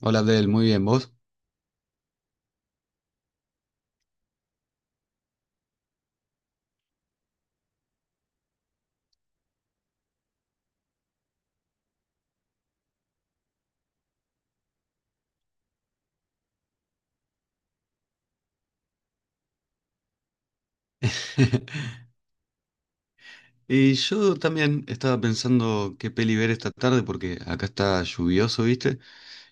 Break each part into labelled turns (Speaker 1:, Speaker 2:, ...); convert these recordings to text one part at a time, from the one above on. Speaker 1: Hola Abdel, muy bien, ¿vos? Y yo también estaba pensando qué peli ver esta tarde porque acá está lluvioso, ¿viste?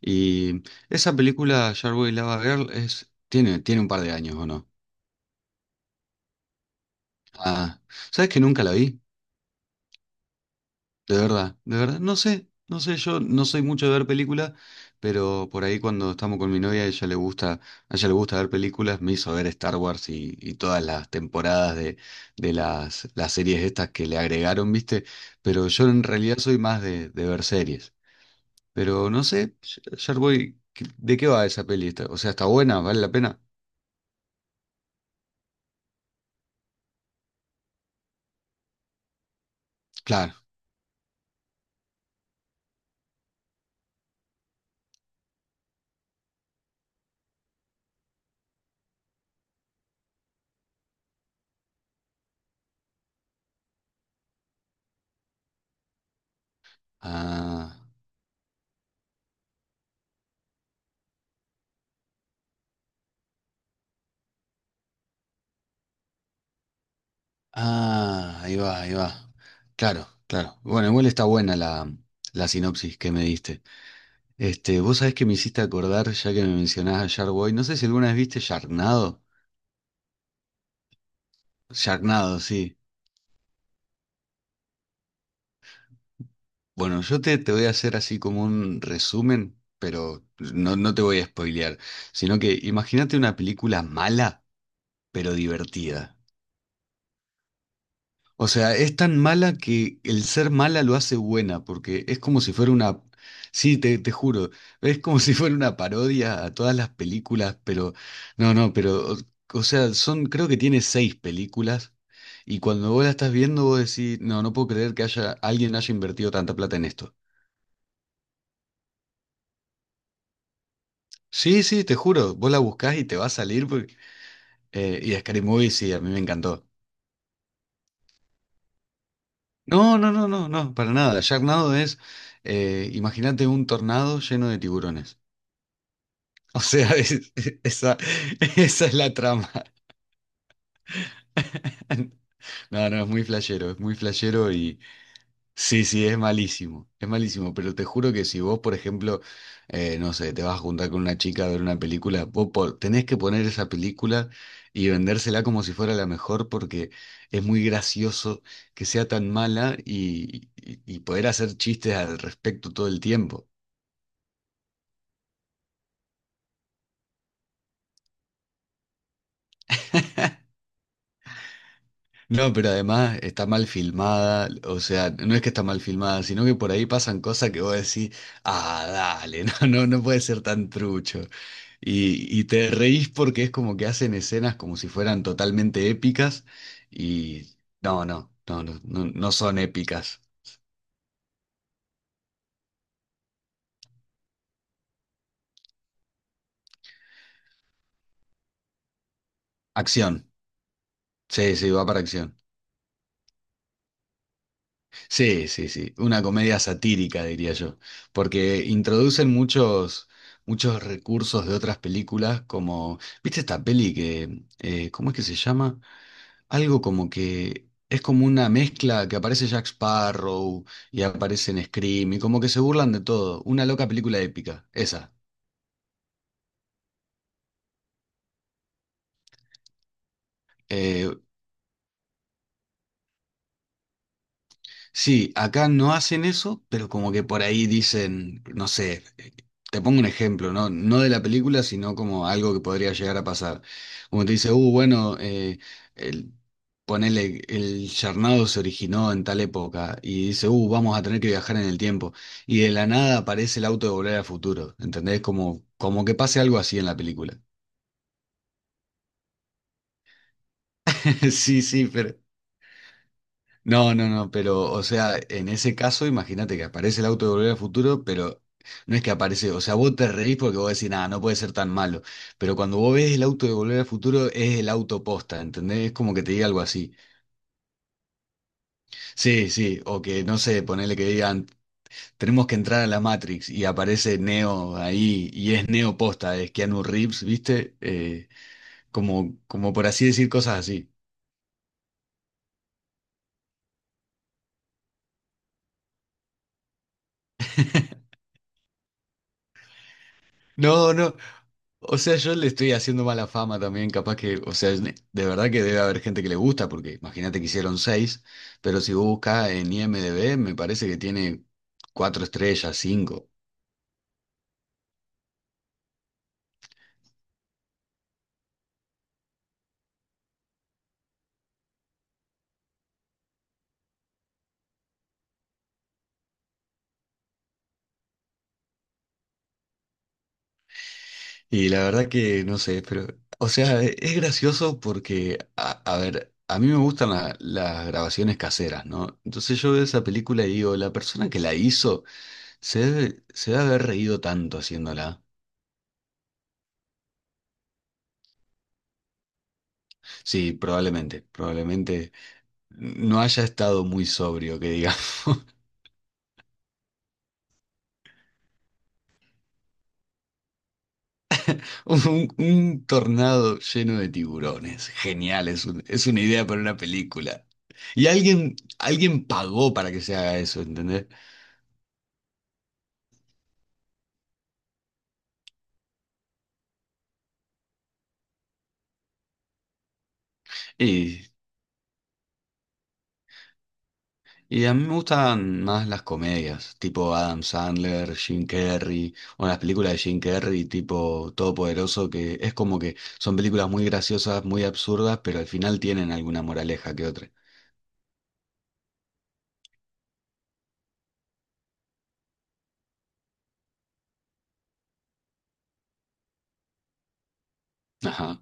Speaker 1: Y esa película, Sharkboy Lava Girl, tiene un par de años, ¿o no? Ah, ¿sabes que nunca la vi? De verdad, no sé, no sé, yo no soy mucho de ver películas, pero por ahí cuando estamos con mi novia, a ella le gusta ver películas, me hizo ver Star Wars y todas las temporadas de las series estas que le agregaron, ¿viste? Pero yo en realidad soy más de ver series. Pero no sé, ayer voy, ¿de qué va esa peli? O sea, ¿está buena? ¿Vale la pena? Claro. Ah, ah, ahí va, ahí va. Claro, claro. Bueno, igual está buena la sinopsis que me diste. Este, vos sabés que me hiciste acordar, ya que me mencionás a Sharkboy, no sé si alguna vez viste Sharknado. Sharknado, sí. Bueno, yo te voy a hacer así como un resumen, pero no, no te voy a spoilear, sino que imagínate una película mala, pero divertida. O sea, es tan mala que el ser mala lo hace buena, porque es como si fuera una. Sí, te juro, es como si fuera una parodia a todas las películas, pero. No, no, pero. O sea, creo que tiene seis películas, y cuando vos la estás viendo, vos decís, no, no puedo creer que alguien haya invertido tanta plata en esto. Sí, sí, te juro, vos la buscás y te va a salir, y Scary Movie, sí, a mí me encantó. No, no, no, no, no, para nada. Sharknado imagínate un tornado lleno de tiburones. O sea, esa, esa es la trama. No, no, es muy flashero y sí, sí, es malísimo, pero te juro que si vos, por ejemplo, no sé, te vas a juntar con una chica a ver una película, tenés que poner esa película y vendérsela como si fuera la mejor porque es muy gracioso que sea tan mala y, y poder hacer chistes al respecto todo el tiempo. No, pero además está mal filmada, o sea, no es que está mal filmada, sino que por ahí pasan cosas que vos decís, ah, dale, no, no puede ser tan trucho. Y te reís porque es como que hacen escenas como si fueran totalmente épicas y no, no, no, no, no son épicas. Acción, sí, sí, va para acción. Sí, sí, sí, una comedia satírica, diría yo, porque introducen muchos recursos de otras películas, como, ¿viste esta peli cómo es que se llama? Algo como que es como una mezcla que aparece Jack Sparrow y aparece en Scream y como que se burlan de todo, una loca película épica, esa. Eh, Sí, acá no hacen eso, pero como que por ahí dicen, no sé, te pongo un ejemplo, ¿no? No de la película, sino como algo que podría llegar a pasar. Como te dice, bueno, el, ponele, el charnado se originó en tal época, y dice, vamos a tener que viajar en el tiempo, y de la nada aparece el auto de Volver al Futuro, ¿entendés? Como que pase algo así en la película. Sí, sí, pero. No, no, no, pero, o sea, en ese caso, imagínate que aparece el auto de Volver al Futuro, pero no es que aparece, o sea, vos te reís porque vos decís, nada, no puede ser tan malo, pero cuando vos ves el auto de Volver al Futuro, es el auto posta, ¿entendés? Es como que te diga algo así. Sí, sí, o que, no sé, ponele que digan, tenemos que entrar a la Matrix y aparece Neo ahí y es Neo posta, es Keanu Reeves, ¿viste? Como, por así decir cosas así. No, no. O sea, yo le estoy haciendo mala fama también, capaz que, o sea, de verdad que debe haber gente que le gusta, porque imagínate que hicieron seis, pero si vos buscas en IMDb, me parece que tiene cuatro estrellas, cinco. Y la verdad que no sé, pero, o sea, es gracioso porque, a ver, a mí me gustan las grabaciones caseras, ¿no? Entonces yo veo esa película y digo, la persona que la hizo se debe haber reído tanto haciéndola. Sí, probablemente no haya estado muy sobrio, que digamos. Un tornado lleno de tiburones. Genial, es una idea para una película. Y alguien pagó para que se haga eso, ¿entendés? Y, y a mí me gustan más las comedias, tipo Adam Sandler, Jim Carrey, o las películas de Jim Carrey, tipo Todopoderoso, que es como que son películas muy graciosas, muy absurdas, pero al final tienen alguna moraleja que otra. Ajá.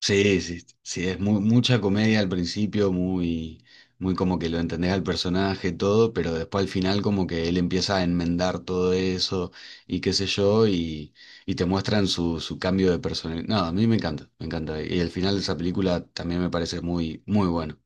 Speaker 1: Sí, sí, sí, es mucha comedia al principio, muy, muy como que lo entendés al personaje, todo, pero después al final como que él empieza a enmendar todo eso y qué sé yo, y te muestran su cambio de personalidad. No, a mí me encanta, me encanta. Y el final de esa película también me parece muy, muy bueno.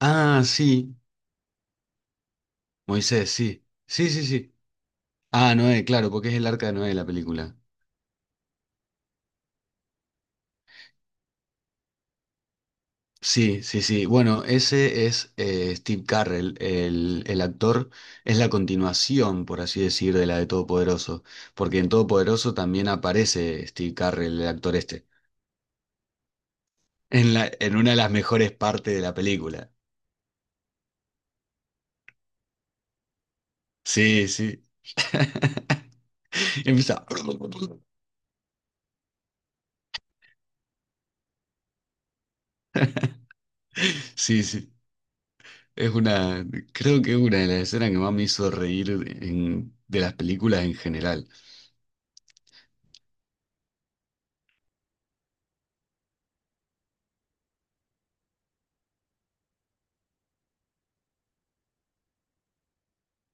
Speaker 1: Ah, sí, Moisés, sí, sí, sí, sí. Ah, Noé, claro, porque es el arca de Noé la película. Sí, sí, sí. Bueno, ese es Steve Carrell, el actor, es la continuación, por así decir, de la de Todopoderoso, porque en Todopoderoso también aparece Steve Carrell, el actor este, en una de las mejores partes de la película. Sí, sí. Empieza. Sí, sí. Es una, creo que es una de las escenas que más me hizo reír de las películas en general.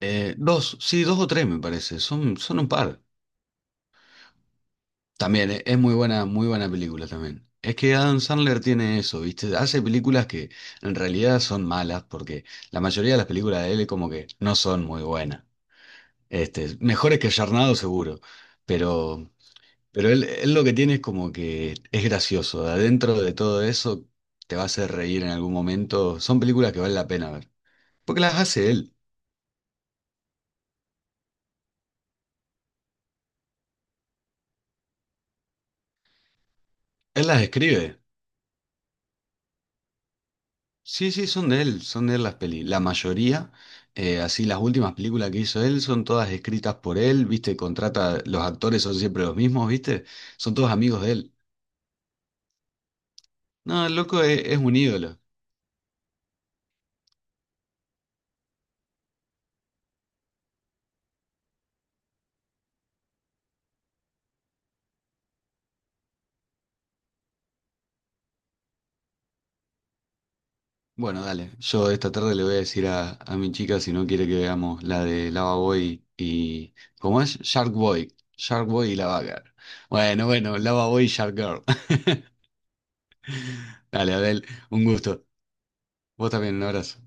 Speaker 1: Dos, sí, dos o tres me parece, son un par. También es muy buena película también. Es que Adam Sandler tiene eso, ¿viste? Hace películas que en realidad son malas, porque la mayoría de las películas de él como que no son muy buenas. Este, mejores que Yarnado seguro, pero, pero él lo que tiene es como que es gracioso. De adentro de todo eso te va a hacer reír en algún momento. Son películas que vale la pena ver. Porque las hace él. Él las escribe. Sí, sí, son de él las pelis. La mayoría, así las últimas películas que hizo él son todas escritas por él, ¿viste? Los actores son siempre los mismos, ¿viste? Son todos amigos de él. No, el loco es un ídolo. Bueno, dale, yo esta tarde le voy a decir a mi chica si no quiere que veamos la de Lava Boy y. ¿Cómo es? Shark Boy. Shark Boy y Lava Girl. Bueno, bueno, Lava Boy y Shark Girl. Dale, Adel, un gusto. Vos también, un abrazo.